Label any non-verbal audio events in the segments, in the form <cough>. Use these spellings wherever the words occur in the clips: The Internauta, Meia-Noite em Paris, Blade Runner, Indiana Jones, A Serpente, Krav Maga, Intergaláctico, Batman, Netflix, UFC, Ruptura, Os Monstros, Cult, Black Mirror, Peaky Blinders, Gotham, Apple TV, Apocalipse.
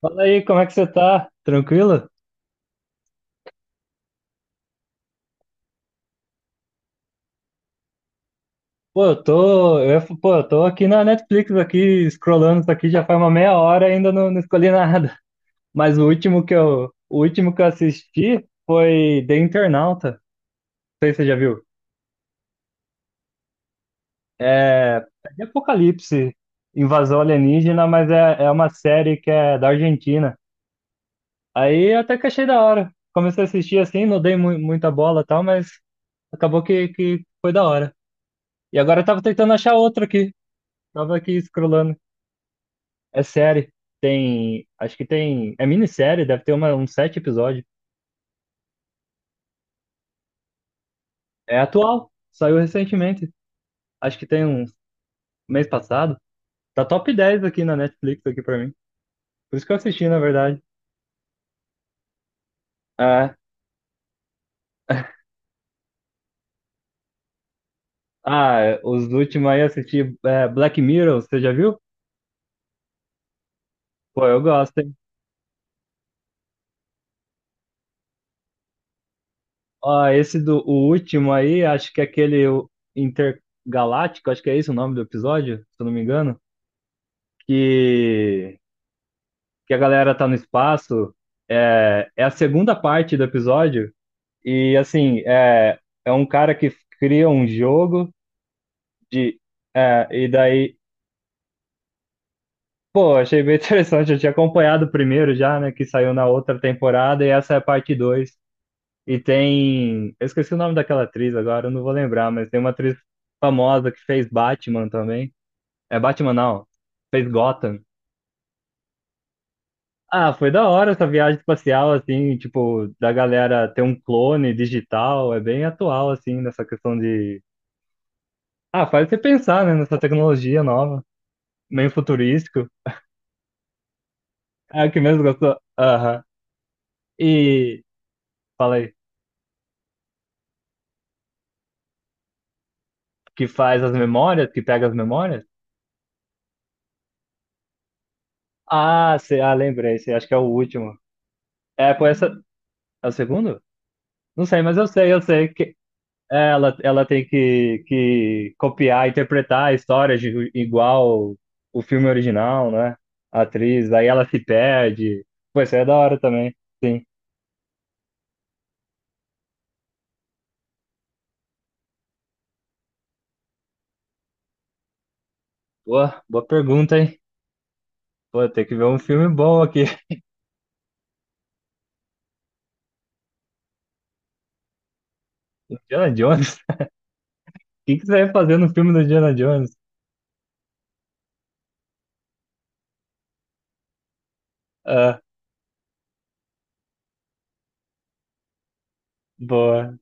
Fala aí, como é que você tá? Tranquilo? Pô, eu tô aqui na Netflix, aqui, scrollando isso aqui, já faz uma meia hora e ainda não escolhi <laughs> nada. Mas o último que eu assisti foi The Internauta. Não sei se você já viu. É de Apocalipse, invasão alienígena, mas é uma série que é da Argentina. Aí eu até que achei da hora. Comecei a assistir assim, não dei muita bola e tal, mas acabou que foi da hora. E agora eu tava tentando achar outra aqui. Tava aqui scrollando. É série. Tem. Acho que tem. É minissérie, deve ter uma, uns sete episódios. É atual. Saiu recentemente. Acho que tem um mês passado. Tá top 10 aqui na Netflix aqui pra mim. Por isso que eu assisti, na verdade. É. Ah, os últimos aí eu assisti Black Mirror, você já viu? Pô, eu gosto, hein? Ó, esse do o último aí, acho que é aquele o Intergaláctico, acho que é esse o nome do episódio, se eu não me engano. Que que a galera tá no espaço. É a segunda parte do episódio. E assim, é um cara que cria um jogo de. E daí. Pô, achei bem <laughs> interessante. Eu tinha acompanhado o primeiro já, né? Que saiu na outra temporada, e essa é a parte dois. E tem. Eu esqueci o nome daquela atriz agora, eu não vou lembrar, mas tem uma atriz famosa que fez Batman também. É Batman, não. Fez Gotham. Ah, foi da hora essa viagem espacial, assim, tipo, da galera ter um clone digital, é bem atual, assim, nessa questão de. Ah, faz você pensar, né, nessa tecnologia nova, meio futurístico. É o que mesmo gostou. Aham. E, fala aí, que faz as memórias, que pega as memórias? Ah, sei, ah, lembrei, sei, acho que é o último. É, foi essa. É o segundo? Não sei, mas eu sei, eu sei. Ela tem que copiar, interpretar a história de, igual o filme original, né? A atriz, aí ela se perde. Pô, isso aí é da hora também. Sim. Boa, boa pergunta, hein? Pô, tem que ver um filme bom aqui. <laughs> Indiana Jones? <laughs> O que que você vai fazer no filme do Indiana Jones? Ah, boa.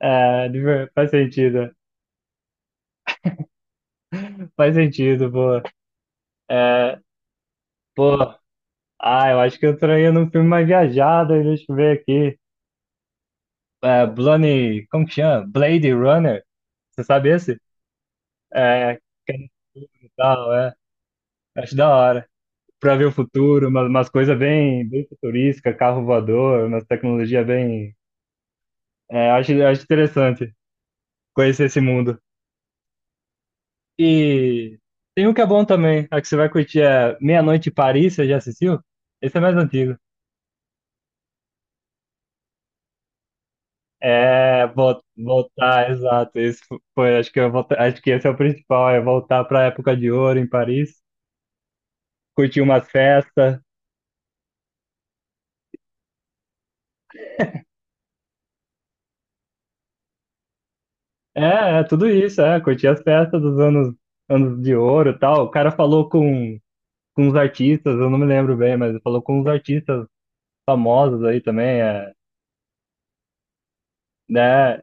É, de ver- faz sentido. <laughs> Faz sentido, boa. É, pô, eu acho que eu traía num filme mais viajado, aí deixa eu ver aqui. Blade, como que chama? Blade Runner, você sabe esse? É, que é no futuro e tal, é. Acho da hora. Pra ver o futuro, umas coisas bem futurísticas, carro voador, umas tecnologias bem. É, acho interessante conhecer esse mundo. E tem um que é bom também, a que você vai curtir é Meia-Noite em Paris, você já assistiu? Esse é mais antigo. É, voltar, exato. Esse foi, acho que esse é o principal, é voltar para a época de ouro em Paris, curtir umas festas. É tudo isso, é. Curti as festas dos anos, anos de ouro e tal. O cara falou com uns artistas, eu não me lembro bem, mas falou com uns artistas famosos aí também, é, né?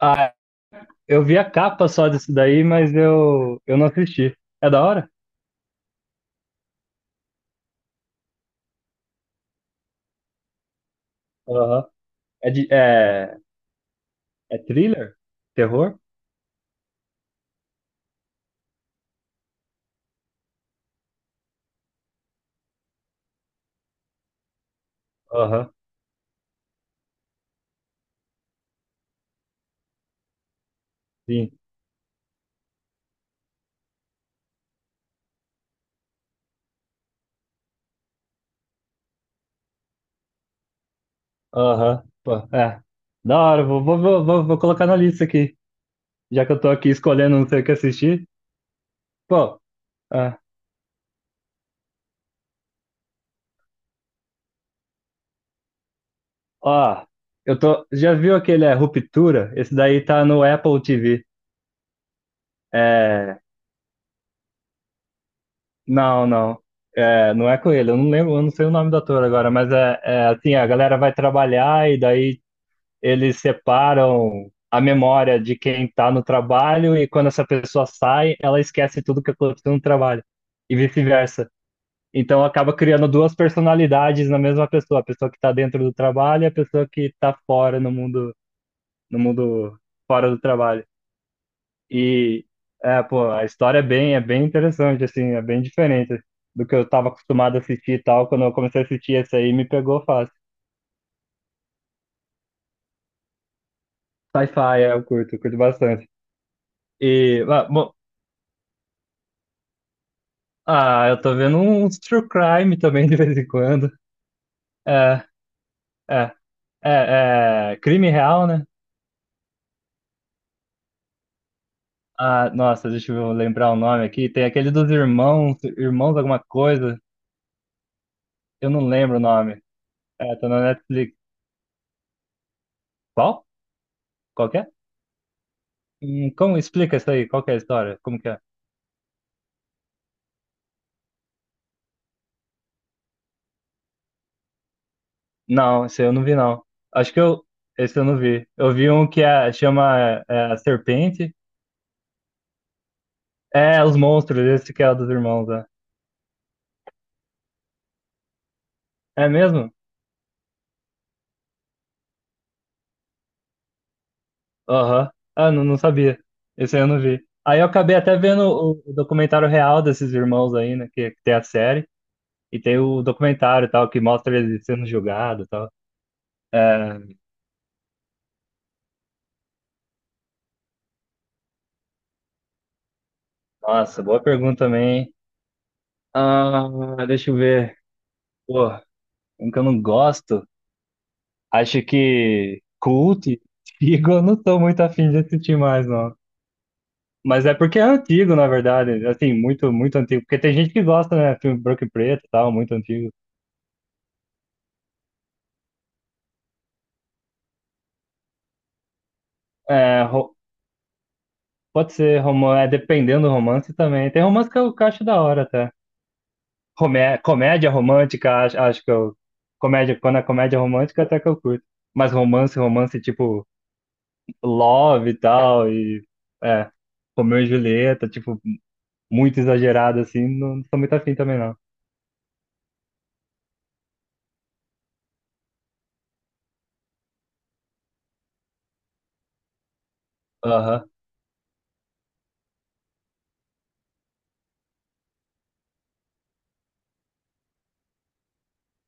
Ah, eu vi a capa só disso daí, mas eu não assisti. É da hora? Aham. É, de, é, é thriller? Terror? Aham, sim. Aham, pô, é. Da hora, vou colocar na lista aqui. Já que eu tô aqui escolhendo não sei o que assistir. Pô, é. Ó, eu tô. Já viu aquele Ruptura? Esse daí tá no Apple TV. É, não. É, não é com ele. Eu não lembro, eu não sei o nome do ator agora, mas é assim, a galera vai trabalhar e daí eles separam a memória de quem tá no trabalho e quando essa pessoa sai, ela esquece tudo que aconteceu no trabalho. E vice-versa. Então acaba criando duas personalidades na mesma pessoa, a pessoa que tá dentro do trabalho e a pessoa que tá fora no mundo, no mundo fora do trabalho. E pô, a história é bem interessante, assim, é bem diferente do que eu tava acostumado a assistir e tal. Quando eu comecei a assistir esse aí, me pegou fácil. Sci-fi, é, eu curto bastante. E, bom, eu tô vendo uns true crime também de <laughs> vez em quando. É, é, é crime real, né? Ah, nossa, deixa eu lembrar o nome aqui. Tem aquele dos irmãos, irmãos alguma coisa. Eu não lembro o nome. É, tá na Netflix. Qual? Qual que é? Como explica isso aí? Qual que é a história? Como que é? Não, esse eu não vi, não. Acho que eu. Esse eu não vi. Eu vi um que é, chama a Serpente. É, Os Monstros, esse que é o dos irmãos, né? É mesmo? Aham. Ah, não, não sabia. Esse aí eu não vi. Aí eu acabei até vendo o documentário real desses irmãos aí, né? Que tem a série. E tem o documentário e tal, que mostra eles sendo julgados e tal. É, nossa, boa pergunta também. Hein? Ah, deixa eu ver. Pô, um que eu não gosto. Acho que Cult, antigo, eu não tô muito afim de assistir mais, não. Mas é porque é antigo, na verdade. Assim, muito, muito antigo. Porque tem gente que gosta, né? Filme branco e preto e tal, muito antigo. É, pode ser romance, é dependendo do romance também. Tem romance que eu acho da hora até. Comédia romântica, acho, acho que eu. Comédia, quando é comédia romântica, até que eu curto. Mas romance, romance tipo Love e tal, e. É, Romeu e Julieta, tipo, muito exagerado assim, não sou muito afim também, não. Aham.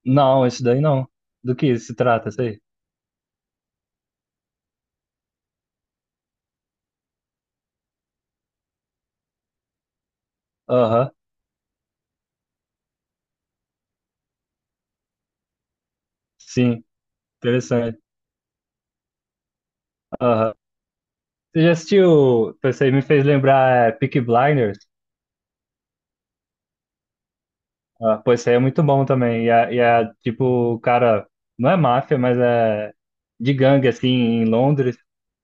Não, esse daí não. Do que se trata, esse aí? Aham. Sim, interessante. Aham. Você já assistiu? Esse aí me fez lembrar Peaky Blinders. Ah, pô, esse aí é muito bom também. E é tipo, o cara, não é máfia, mas é de gangue, assim, em Londres.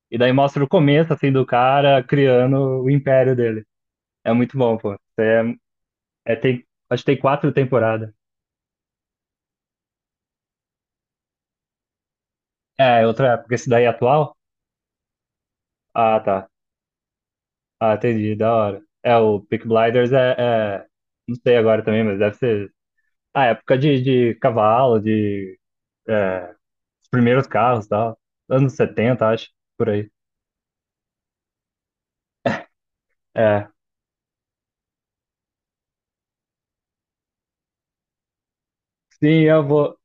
E daí mostra o começo, assim, do cara criando o império dele. É muito bom, pô. É, tem, acho que tem quatro temporadas. É, outra, porque esse daí é atual? Ah, tá. Ah, entendi, da hora. É, o Peaky Blinders é- Não sei agora também, mas deve ser. Ah, época de cavalo, de. É, os primeiros carros e tal. Anos 70 acho, por aí. É. Sim, eu vou.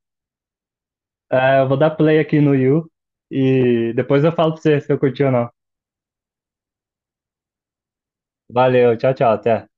Eu vou dar play aqui no you e depois eu falo pra você se eu curti ou não. Valeu, tchau, tchau, até.